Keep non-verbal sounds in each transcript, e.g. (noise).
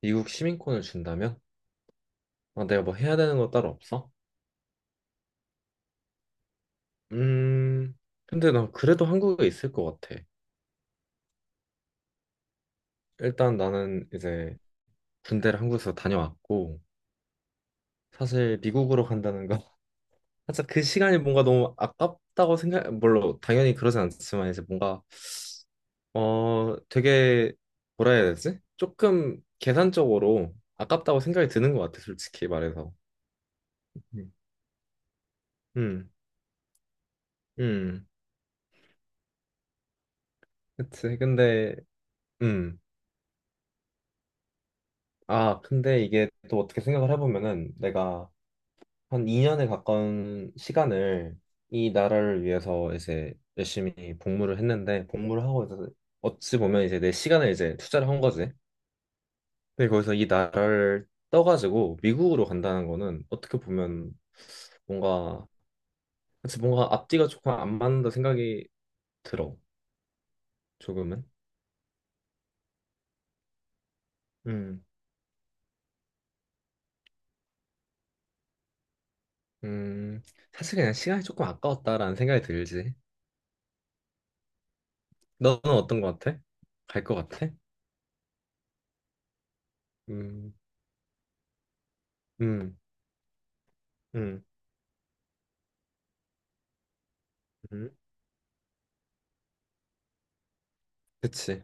미국 시민권을 준다면? 아, 내가 뭐 해야 되는 거 따로 없어? 음, 근데 난 그래도 한국에 있을 것 같아. 일단 나는 이제 군대를 한국에서 다녀왔고, 사실 미국으로 간다는 거. (laughs) 살짝 그 시간이 뭔가 너무 아깝다고 생각, 물론 당연히 그러진 않지만 이제 뭔가, 어, 되게, 뭐라 해야 되지? 조금 계산적으로 아깝다고 생각이 드는 것 같아, 솔직히 말해서. 음, 음, 음. 그치. 근데, 음. 아, 근데 이게 또 어떻게 생각을 해보면은 내가 한 2년에 가까운 시간을 이 나라를 위해서 이제 열심히 복무를 했는데 복무를 하고 이제 어찌 보면 이제 내 시간을 이제 투자를 한 거지. 근데 거기서 이 나라를 떠가지고 미국으로 간다는 거는 어떻게 보면 뭔가 그치 뭔가 앞뒤가 조금 안 맞는다 생각이 들어. 조금은. 음. 음. 사실 그냥 시간이 조금 아까웠다라는 생각이 들지. 너는 어떤 거 같아? 갈 거 같아? 음, 음, 음, 음, 그치.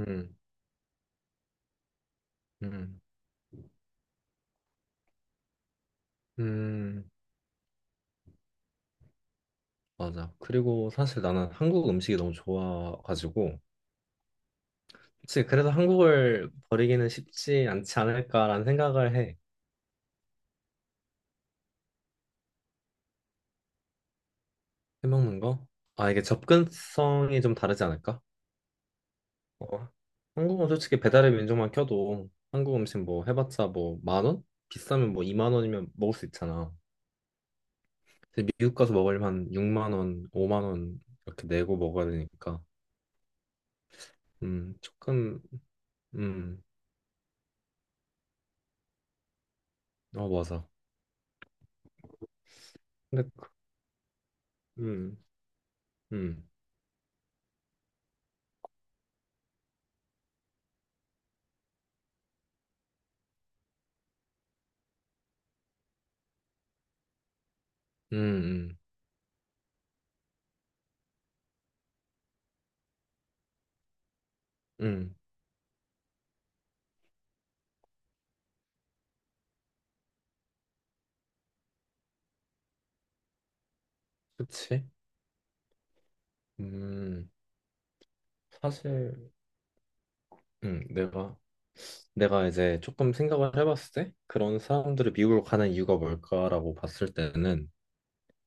음, 음, 음, 맞아. 그리고 사실 나는 한국 음식이 너무 좋아가지고, 그치. 그래서 한국을 버리기는 쉽지 않지 않을까라는 생각을 해. 해먹는 거? 아, 이게 접근성이 좀 다르지 않을까? 어. 한국은 솔직히 배달의 민족만 켜도 한국 음식 뭐 해봤자 뭐 만 원? 비싸면 뭐 2만 원이면 먹을 수 있잖아. 근데 미국 가서 먹으려면 한 6만 원, 5만 원 이렇게 내고 먹어야 되니까. 조금, 음, 어, 맞아. 근데, 음, 음, 음, 음, 음, 그치? 음, 사실, 음, 내가, 내가 이제 조금 생각을 해봤을 때, 그런 사람들이 미국으로 가는 이유가 뭘까라고 봤을 때는,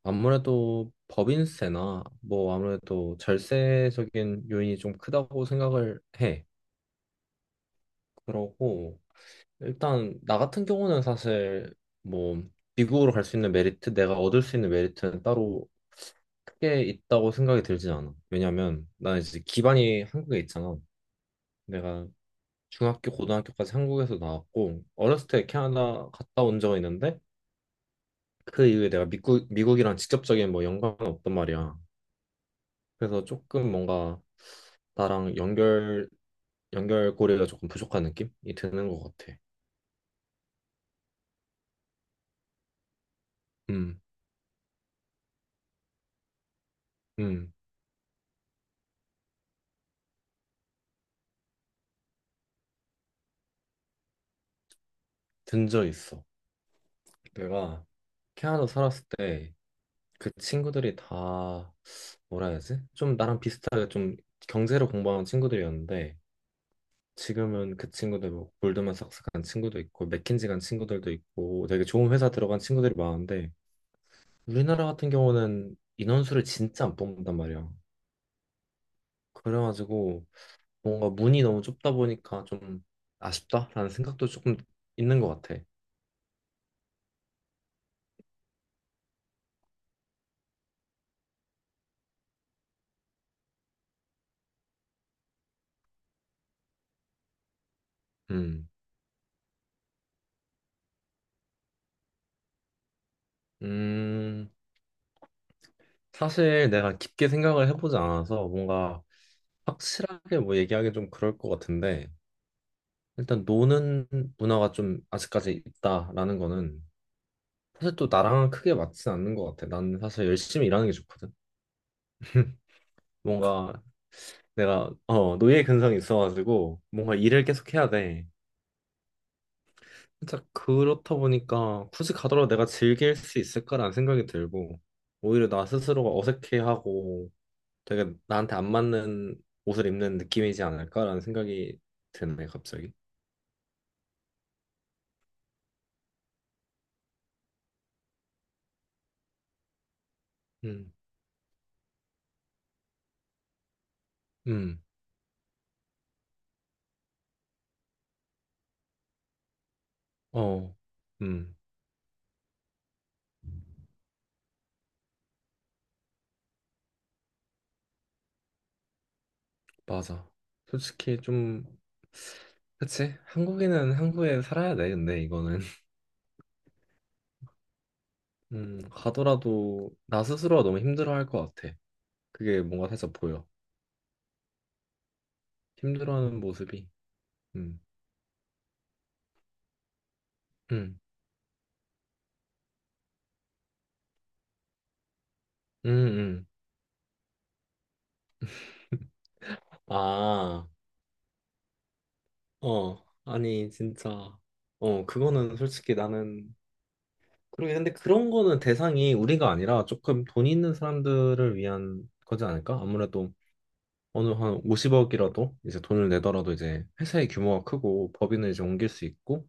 아무래도 법인세나, 뭐, 아무래도 절세적인 요인이 좀 크다고 생각을 해. 그러고, 일단, 나 같은 경우는 사실, 뭐, 미국으로 갈 수 있는 메리트, 내가 얻을 수 있는 메리트는 따로 크게 있다고 생각이 들진 않아. 왜냐면 나 이제 기반이 한국에 있잖아. 내가 중학교, 고등학교까지 한국에서 나왔고 어렸을 때 캐나다 갔다 온 적이 있는데 그 이후에 내가 미국이랑 직접적인 뭐 연관은 없단 말이야. 그래서 조금 뭔가 나랑 연결고리가 조금 부족한 느낌이 드는 것 같아. 음, 음, 든 적 있어. 내가 캐나다 살았을 때 그 친구들이 다 뭐라 해야지? 좀 나랑 비슷하게 좀 경제를 공부하는 친구들이었는데 지금은 그 친구들 뭐 골드만삭스 간 친구도 있고 맥킨지 간 친구들도 있고 되게 좋은 회사 들어간 친구들이 많은데 우리나라 같은 경우는 인원수를 진짜 안 뽑는단 말이야. 그래가지고 뭔가 문이 너무 좁다 보니까 좀 아쉽다라는 생각도 조금 있는 것 같아. 음, 음, 사실 내가 깊게 생각을 해보지 않아서 뭔가 확실하게 뭐 얘기하기 좀 그럴 것 같은데 일단 노는 문화가 좀 아직까지 있다라는 거는 사실 또 나랑 크게 맞진 않는 것 같아. 나는 사실 열심히 일하는 게 좋거든. 뭔가 내가 어 노예 근성이 있어가지고 뭔가 일을 계속 해야 돼. 진짜 그렇다 보니까 굳이 가더라도 내가 즐길 수 있을까라는 생각이 들고 오히려 나 스스로가 어색해하고 되게 나한테 안 맞는 옷을 입는 느낌이지 않을까라는 생각이 드네 갑자기. 음. 음. 어, 음, 맞아. 솔직히 좀, 그치? 한국인은 한국에 살아야 돼, 근데 이거는. (laughs) 가더라도 나 스스로가 너무 힘들어 할 것 같아. 그게 뭔가 살짝 보여. 힘들어하는 모습이. 음, 음, 음, 음. (laughs) 아, 어, 아니, 진짜. 어, 그거는 솔직히 나는, 그러게, 근데 그런 거는 대상이 우리가 아니라 조금 돈 있는 사람들을 위한 거지 않을까? 아무래도 어느 한 50억이라도 이제 돈을 내더라도 이제 회사의 규모가 크고 법인을 이제 옮길 수 있고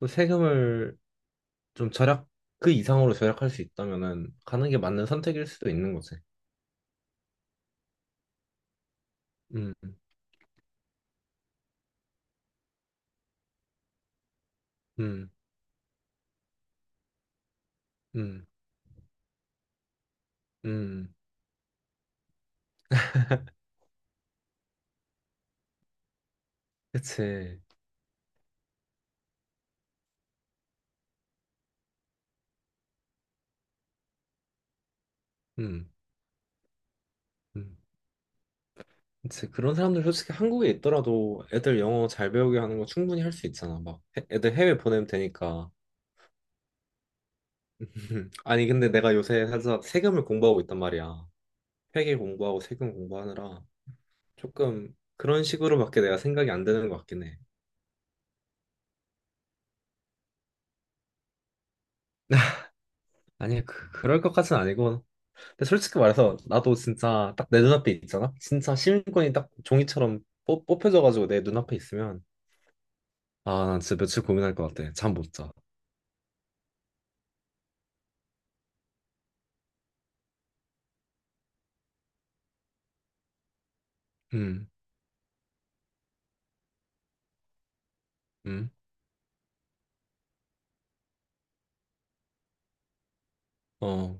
또 세금을 좀 절약 그 이상으로 절약할 수 있다면은 가는 게 맞는 선택일 수도 있는 거지. 음, 음, 음, 음, 그치. 음, 음, 그치. 그런 사람들 솔직히 한국에 있더라도 애들 영어 잘 배우게 하는 거 충분히 할 수 있잖아. 막 애들 해외 보내면 되니까. (laughs) 아니 근데 내가 요새 살짝 세금을 공부하고 있단 말이야. 회계 공부하고 세금 공부하느라. 조금 그런 식으로밖에 내가 생각이 안 되는 것 같긴 해. 아니, 그, 그럴 것 같은 아니고. 근데 솔직히 말해서 나도 진짜 딱 내 눈앞에 있잖아? 진짜 시민권이 딱 종이처럼 뽑혀져가지고 내 눈앞에 있으면 아, 난 진짜 며칠 고민할 것 같아. 잠 못 자. 음, 음, 어,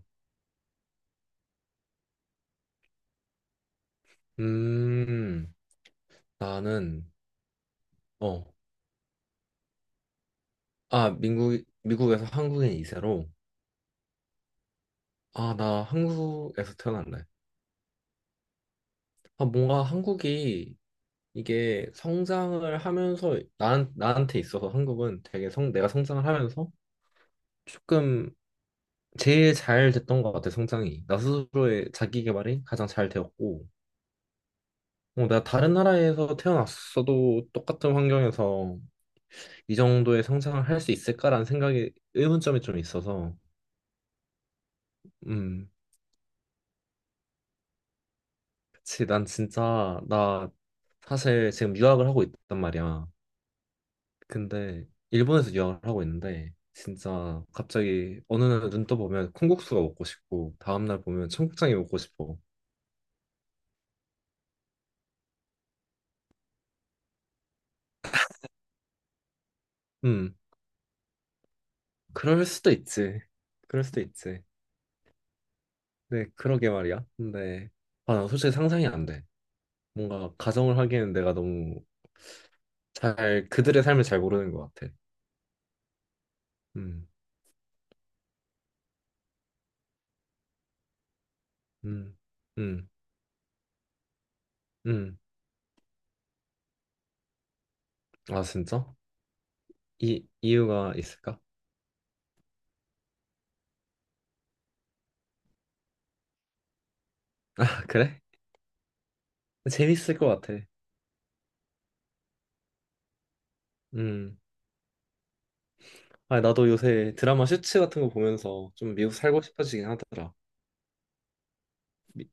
음, 나는, 어, 미국에서 한국인 이세로 아, 나 한국에서 태어났네. 아, 뭔가 한국이 이게 성장을 하면서 난, 나한테 있어서 한국은 되게 성, 내가 성장을 하면서 조금 제일 잘 됐던 것 같아, 성장이. 나 스스로의 자기 개발이 가장 잘 되었고, 어, 내가 다른 나라에서 태어났어도 똑같은 환경에서 이 정도의 성장을 할 수 있을까라는 생각이 의문점이 좀 있어서, 음, 그치, 난 진짜, 나 사실 지금 유학을 하고 있단 말이야. 근데 일본에서 유학을 하고 있는데 진짜 갑자기 어느 날 눈 떠보면 콩국수가 먹고 싶고 다음날 보면 청국장이 먹고 싶어. 음, 그럴 수도 있지. 그럴 수도 있지. 네, 그러게 말이야. 근데 아, 나 솔직히 상상이 안 돼. 뭔가 가정을 하기에는 내가 너무 잘 그들의 삶을 잘 모르는 것 같아. 음, 음, 음, 음. 아, 진짜? 이 이유가 있을까? (laughs) 아, 그래? 재밌을 것 같아. 음. 아, 나도 요새 드라마 슈츠 같은 거 보면서 좀 미국 살고 싶어지긴 하더라. 미-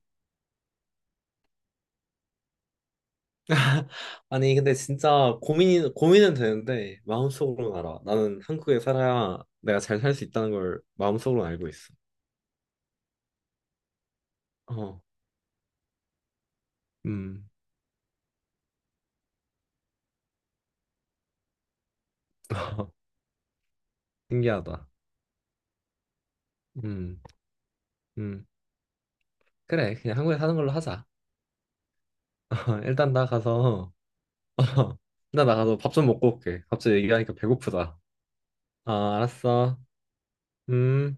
아니, 근데 진짜 고민이, 고민은 되는데, 마음속으로는 알아. 나는 한국에 살아야 내가 잘 살 수 있다는 걸 마음속으로 알고 있어. 어, 음, (laughs) 신기하다. 음, 음. 그래, 그냥 한국에 사는 걸로 하자. (laughs) 일단 나 가서, (laughs) 일단 나 가서 밥 좀 먹고 올게. 갑자기 얘기하니까 배고프다. 아, 알았어. 음.